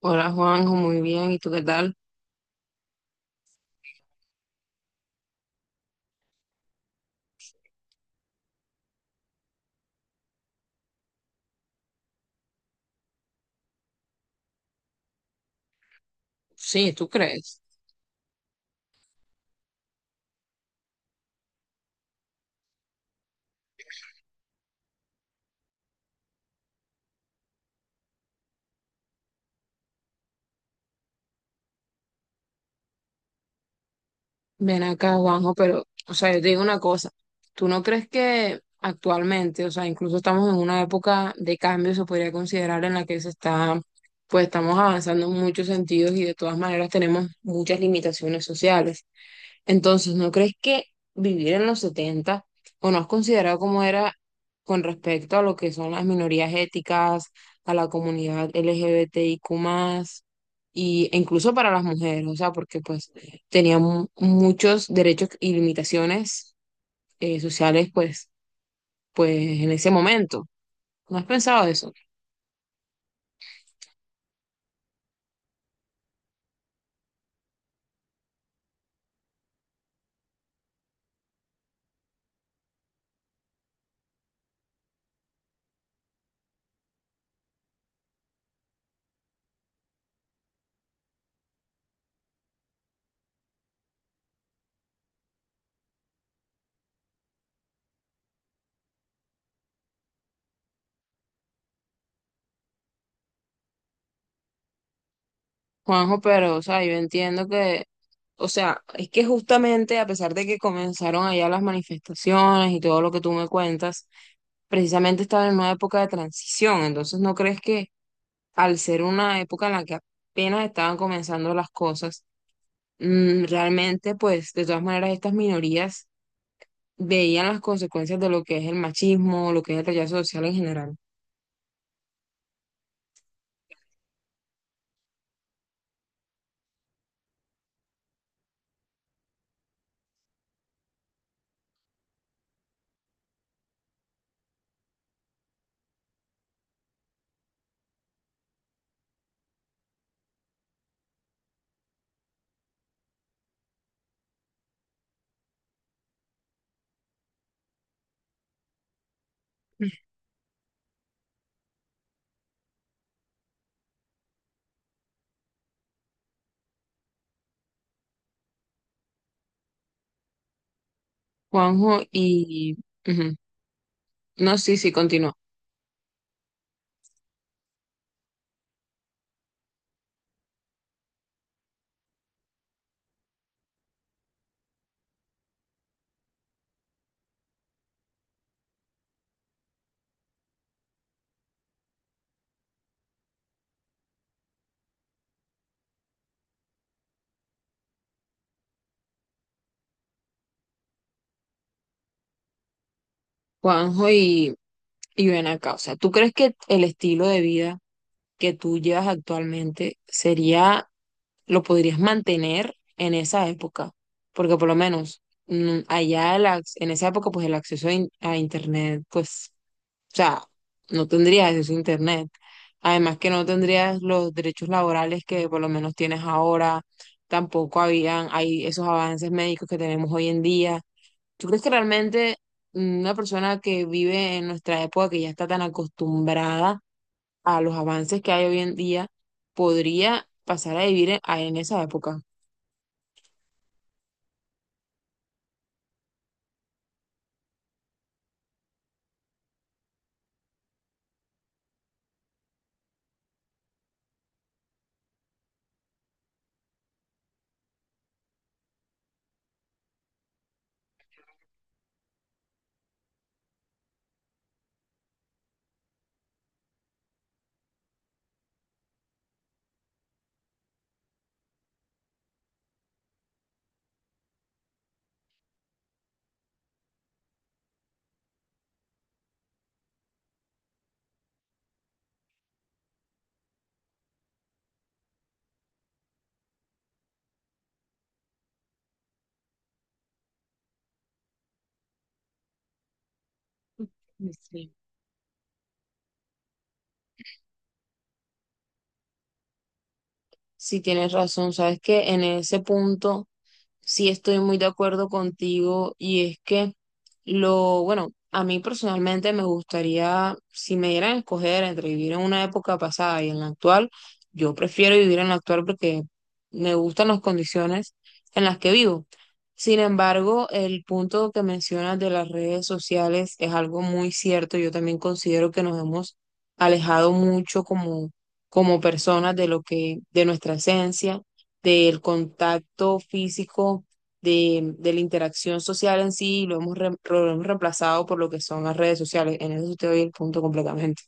Hola Juanjo, muy bien. ¿Y tú qué tal? Sí, ¿tú crees? Ven acá, Juanjo, pero, o sea, yo te digo una cosa. ¿Tú no crees que actualmente, o sea, incluso estamos en una época de cambio, se podría considerar en la que se está, pues estamos avanzando en muchos sentidos y de todas maneras tenemos muchas limitaciones sociales? Entonces, ¿no crees que vivir en los 70 o no has considerado cómo era con respecto a lo que son las minorías éticas, a la comunidad LGBTIQ+, y, e incluso para las mujeres, o sea, porque pues tenían muchos derechos y limitaciones sociales pues, pues en ese momento. ¿No has pensado eso? Juanjo, pero, o sea, yo entiendo que, o sea, es que justamente a pesar de que comenzaron allá las manifestaciones y todo lo que tú me cuentas, precisamente estaba en una época de transición. Entonces, ¿no crees que al ser una época en la que apenas estaban comenzando las cosas, realmente pues de todas maneras estas minorías veían las consecuencias de lo que es el machismo, lo que es el rechazo social en general? Juanjo, y... Ujú. No, sí, sí, continúa. Juanjo, y ven acá, o sea, ¿tú crees que el estilo de vida que tú llevas actualmente sería, lo podrías mantener en esa época? Porque por lo menos allá en esa época, pues el acceso a, a internet, pues, o sea, no tendrías acceso a internet. Además que no tendrías los derechos laborales que por lo menos tienes ahora, tampoco habían, hay esos avances médicos que tenemos hoy en día. ¿Tú crees que realmente una persona que vive en nuestra época, que ya está tan acostumbrada a los avances que hay hoy en día, podría pasar a vivir en, en esa época? Sí. Sí, tienes razón, sabes que en ese punto sí estoy muy de acuerdo contigo y es que lo, bueno, a mí personalmente me gustaría. Si me dieran a escoger entre vivir en una época pasada y en la actual, yo prefiero vivir en la actual porque me gustan las condiciones en las que vivo. Sin embargo, el punto que mencionas de las redes sociales es algo muy cierto. Yo también considero que nos hemos alejado mucho como personas, de lo que, de nuestra esencia, del contacto físico, de la interacción social en sí, y lo hemos, lo hemos reemplazado por lo que son las redes sociales. En eso te doy el punto completamente.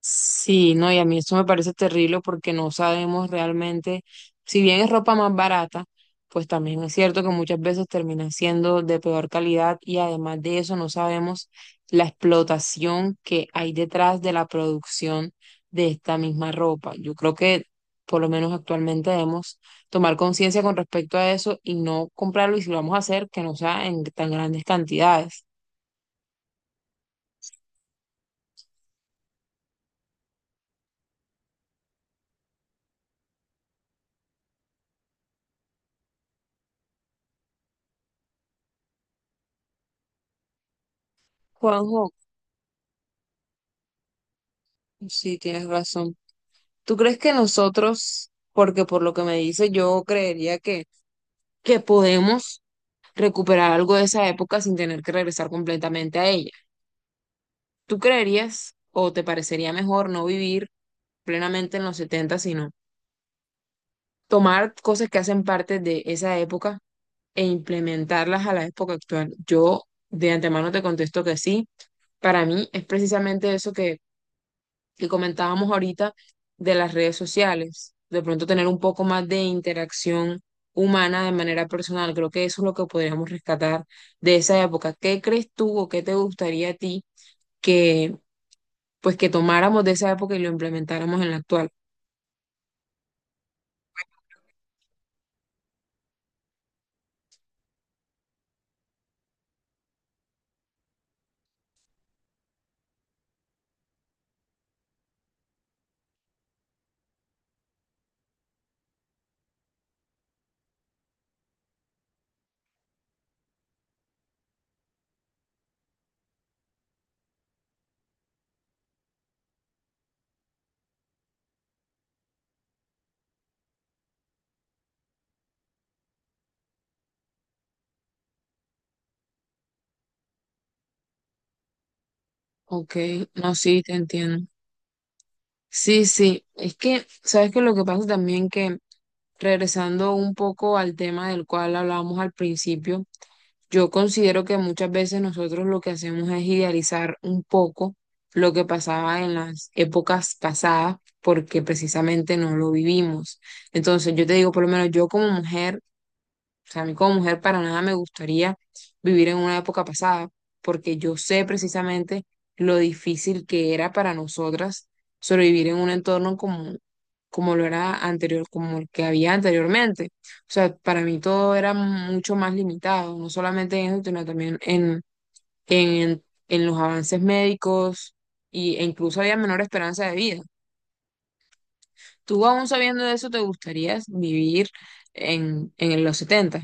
Sí, no, y a mí eso me parece terrible porque no sabemos realmente, si bien es ropa más barata, pues también es cierto que muchas veces termina siendo de peor calidad y además de eso no sabemos la explotación que hay detrás de la producción de esta misma ropa. Yo creo que por lo menos actualmente debemos tomar conciencia con respecto a eso y no comprarlo, y si lo vamos a hacer, que no sea en tan grandes cantidades. Juanjo, sí, tienes razón. ¿Tú crees que nosotros, porque por lo que me dice, yo creería que podemos recuperar algo de esa época sin tener que regresar completamente a ella? ¿Tú creerías o te parecería mejor no vivir plenamente en los 70, sino tomar cosas que hacen parte de esa época e implementarlas a la época actual? Yo de antemano te contesto que sí. Para mí es precisamente eso que comentábamos ahorita de las redes sociales, de pronto tener un poco más de interacción humana de manera personal. Creo que eso es lo que podríamos rescatar de esa época. ¿Qué crees tú o qué te gustaría a ti que pues que tomáramos de esa época y lo implementáramos en la actual? Ok, no, sí, te entiendo. Sí, sí, es que, ¿sabes qué? Lo que pasa también que, regresando un poco al tema del cual hablábamos al principio, yo considero que muchas veces nosotros lo que hacemos es idealizar un poco lo que pasaba en las épocas pasadas porque precisamente no lo vivimos. Entonces, yo te digo, por lo menos yo como mujer, o sea, a mí como mujer para nada me gustaría vivir en una época pasada, porque yo sé precisamente lo difícil que era para nosotras sobrevivir en un entorno como, como lo era anterior, como el que había anteriormente. O sea, para mí todo era mucho más limitado, no solamente en eso, sino también en, en los avances médicos y, e incluso había menor esperanza de vida. ¿Tú aún sabiendo de eso te gustaría vivir en los setenta?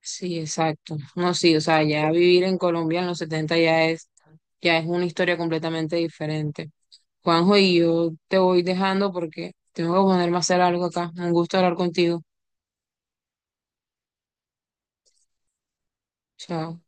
Sí, exacto. No, sí, o sea, ya vivir en Colombia en los 70 ya es una historia completamente diferente. Juanjo, y yo te voy dejando porque tengo que ponerme a hacer algo acá. Un gusto hablar contigo. Chao.